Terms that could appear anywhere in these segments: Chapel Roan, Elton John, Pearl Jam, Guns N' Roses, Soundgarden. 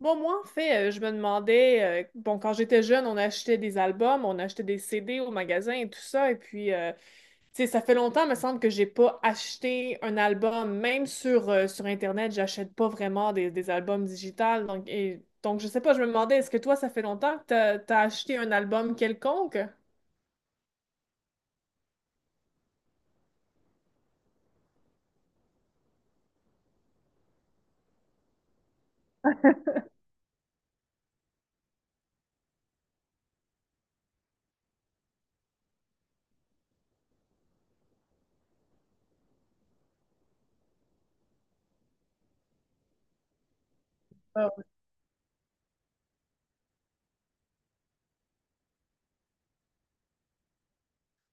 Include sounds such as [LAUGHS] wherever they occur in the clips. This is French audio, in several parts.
Bon, moi, en fait, je me demandais, bon, quand j'étais jeune, on achetait des albums, on achetait des CD au magasin et tout ça. Et puis, tu sais, ça fait longtemps, me semble, que j'ai pas acheté un album. Même sur, sur Internet, j'achète pas vraiment des albums digitales. Donc, donc, je sais pas, je me demandais, est-ce que toi, ça fait longtemps que t'as acheté un album quelconque?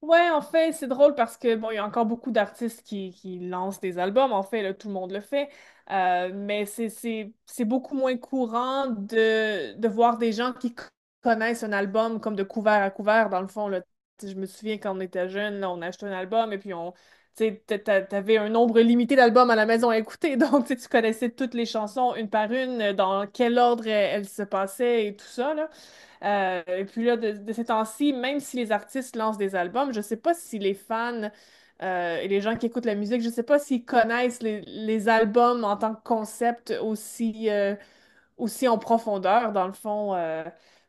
Ouais, en fait, c'est drôle parce que bon, il y a encore beaucoup d'artistes qui lancent des albums. En fait, là, tout le monde le fait. Mais c'est beaucoup moins courant de voir des gens qui connaissent un album comme de couvert à couvert, dans le fond, là. Tu sais, je me souviens quand on était jeune, là, on achetait un album et puis on, tu sais, t'avais un nombre limité d'albums à la maison à écouter, [LAUGHS] donc tu sais, tu connaissais toutes les chansons une par une, dans quel ordre elles se passaient et tout ça, là. Et puis là, de ces temps-ci, même si les artistes lancent des albums, je sais pas si les fans et les gens qui écoutent la musique, je sais pas s'ils connaissent les albums en tant que concept aussi, aussi en profondeur, dans le fond.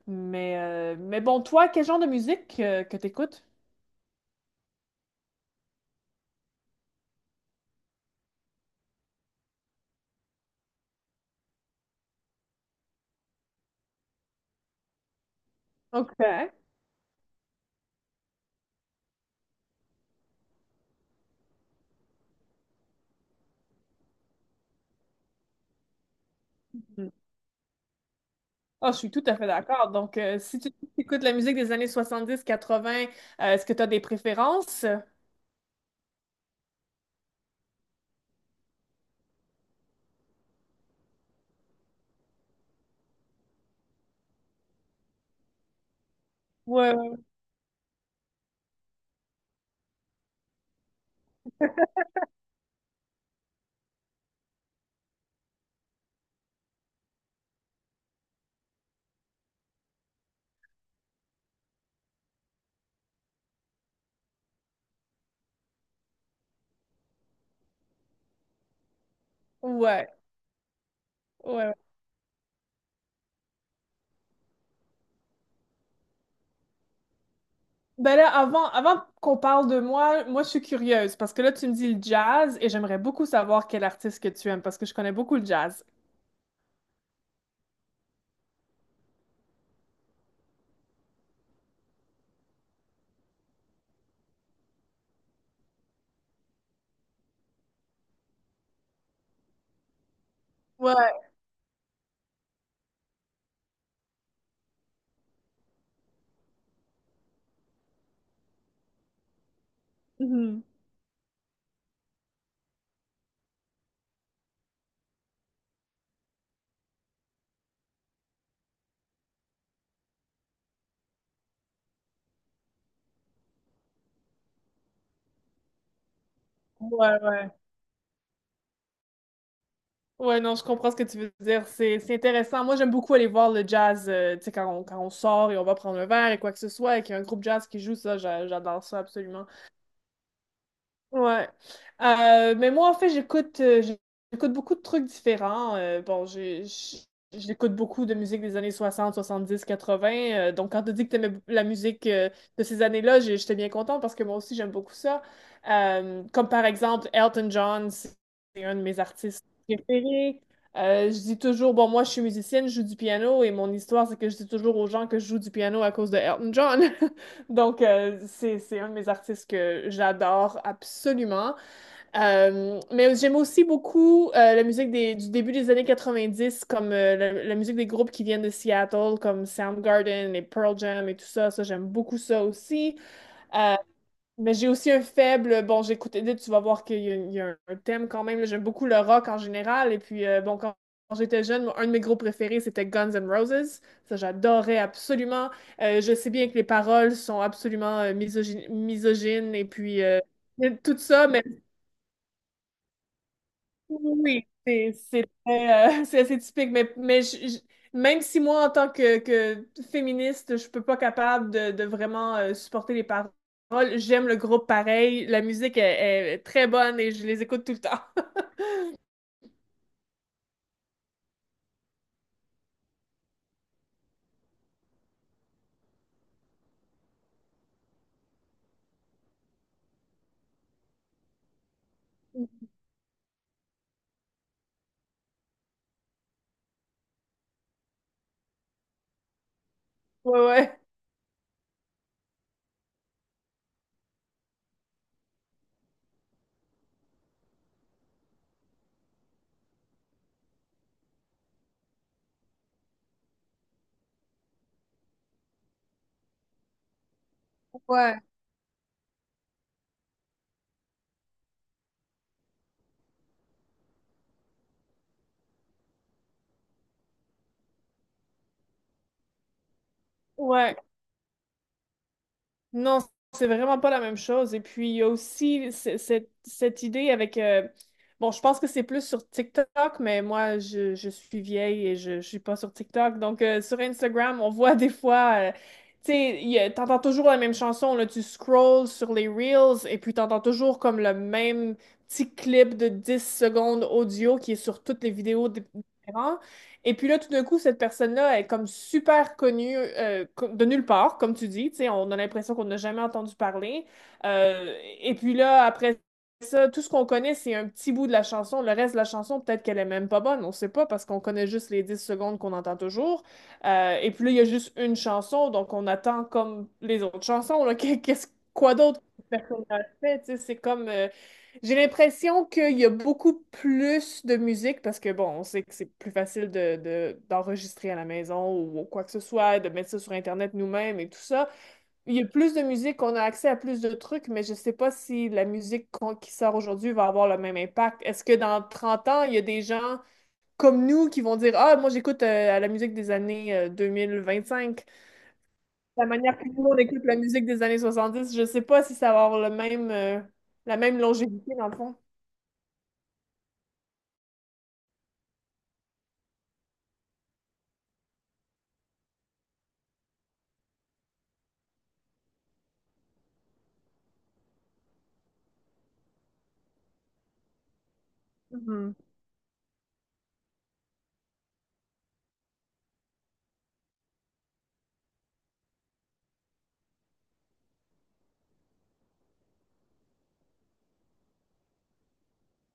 Mais bon, toi, quel genre de musique que tu écoutes? OK. Mm. Ah, je suis tout à fait d'accord. Donc, si tu écoutes la musique des années 70-80, est-ce que tu as des préférences? Ouais, ouais, ouais. Ouais. Ben là, avant qu'on parle de moi, moi je suis curieuse parce que là tu me dis le jazz et j'aimerais beaucoup savoir quel artiste que tu aimes parce que je connais beaucoup le jazz. Ouais. Mhm. Ouais, ouais. Ouais, non, je comprends ce que tu veux dire. C'est intéressant. Moi, j'aime beaucoup aller voir le jazz, tu sais, quand on sort et on va prendre un verre et quoi que ce soit et qu'il y a un groupe jazz qui joue ça, j'adore ça absolument. Ouais. Mais moi, en fait, j'écoute beaucoup de trucs différents. Bon, j'écoute beaucoup de musique des années 60, 70, 80. Donc, quand tu dis que tu la musique de ces années-là, j'étais bien contente parce que moi aussi, j'aime beaucoup ça. Comme par exemple, Elton John, c'est un de mes artistes préférés. Je dis toujours, bon, moi, je suis musicienne, je joue du piano et mon histoire, c'est que je dis toujours aux gens que je joue du piano à cause de Elton John. [LAUGHS] Donc, c'est un de mes artistes que j'adore absolument. Mais j'aime aussi beaucoup la musique du début des années 90, comme la musique des groupes qui viennent de Seattle, comme Soundgarden et Pearl Jam et tout ça. Ça, j'aime beaucoup ça aussi. Euh, mais j'ai aussi un faible. Bon, j'écoute Edith, tu vas voir qu'il y a, il y a un thème quand même, là. J'aime beaucoup le rock en général. Et puis, bon, quand j'étais jeune, moi, un de mes groupes préférés, c'était Guns N' Roses. Ça, j'adorais absolument. Je sais bien que les paroles sont absolument misogynes, misogynes et puis tout ça, mais oui, c'est très, [LAUGHS] c'est assez typique, mais même si moi, en tant que féministe, je peux pas capable de vraiment supporter les paroles, j'aime le groupe pareil, la musique est très bonne et je les écoute tout le temps. [LAUGHS] Ouais, ouais. Ouais. Ouais. Non, c'est vraiment pas la même chose. Et puis, il y a aussi cette idée avec bon, je pense que c'est plus sur TikTok, mais moi, je suis vieille et je suis pas sur TikTok. Donc, sur Instagram, on voit des fois... tu sais, t'entends toujours la même chanson. Là, tu scrolls sur les Reels et puis t'entends toujours comme le même petit clip de 10 secondes audio qui est sur toutes les vidéos différentes. Et puis là, tout d'un coup, cette personne-là est comme super connue de nulle part, comme tu dis. Tu sais, on a l'impression qu'on n'a jamais entendu parler. Euh, et puis là, après ça, tout ce qu'on connaît, c'est un petit bout de la chanson. Le reste de la chanson, peut-être qu'elle est même pas bonne. On sait pas parce qu'on connaît juste les 10 secondes qu'on entend toujours. Et puis là, il y a juste une chanson, donc on attend comme les autres chansons, là, [LAUGHS] qu'est-ce, quoi d'autre que cette personne a fait? Tu sais, c'est comme j'ai l'impression qu'il y a beaucoup plus de musique parce que, bon, on sait que c'est plus facile d'enregistrer à la maison ou quoi que ce soit, de mettre ça sur Internet nous-mêmes et tout ça. Il y a plus de musique, on a accès à plus de trucs, mais je sais pas si la musique qui sort aujourd'hui va avoir le même impact. Est-ce que dans 30 ans, il y a des gens comme nous qui vont dire, ah, moi j'écoute la musique des années 2025, la manière que nous on écoute la musique des années 70? Je sais pas si ça va avoir le même, la même longévité dans le fond.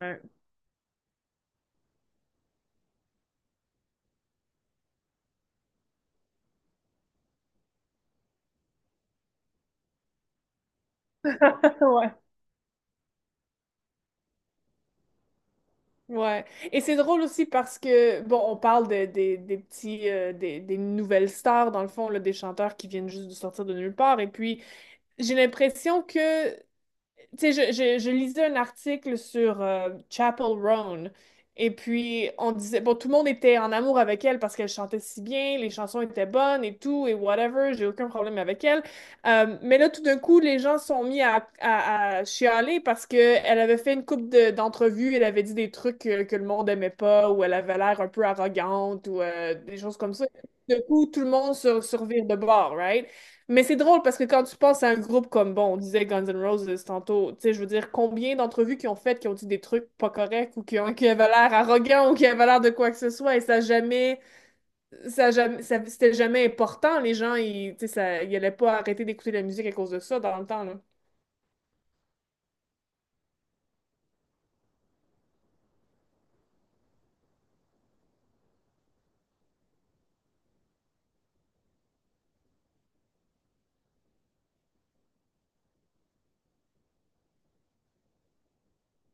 Ouais. Ouais. Ouais. Et c'est drôle aussi parce que, bon, on parle des petits, des nouvelles stars, dans le fond, là, des chanteurs qui viennent juste de sortir de nulle part. Et puis, j'ai l'impression que tu sais, je lisais un article sur Chapel Roan. Et puis, on disait, bon, tout le monde était en amour avec elle parce qu'elle chantait si bien, les chansons étaient bonnes et tout, et whatever, j'ai aucun problème avec elle. Mais là, tout d'un coup, les gens sont mis à chialer parce qu'elle avait fait une couple d'entrevues, elle avait dit des trucs le monde aimait pas, ou elle avait l'air un peu arrogante, ou des choses comme ça. D'un coup, tout le monde se revire de bord, right? Mais c'est drôle parce que quand tu penses à un groupe comme, bon, on disait Guns N' Roses tantôt, tu sais, je veux dire, combien d'entrevues qui ont fait, qui ont dit des trucs pas corrects ou qui avaient l'air arrogants ou qui avaient l'air de quoi que ce soit et ça jamais, ça jamais, ça- c'était jamais important. Les gens, tu sais, ça, ils allaient pas arrêter d'écouter la musique à cause de ça dans le temps, là.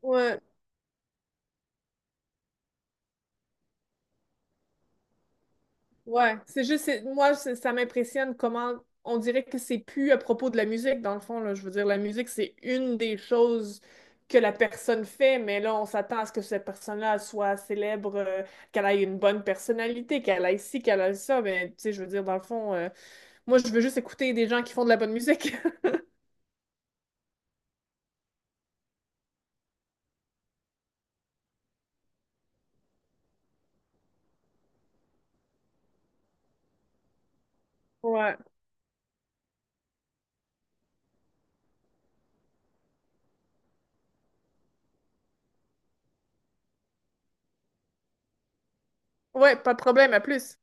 Ouais, ouais, c'est juste, moi, ça m'impressionne comment on dirait que c'est plus à propos de la musique, dans le fond, là. Je veux dire, la musique, c'est une des choses que la personne fait, mais là, on s'attend à ce que cette personne-là soit célèbre, qu'elle ait une bonne personnalité, qu'elle ait ci, qu'elle ait ça. Mais tu sais, je veux dire, dans le fond, moi, je veux juste écouter des gens qui font de la bonne musique. [LAUGHS] Ouais. Ouais, pas de problème, à plus.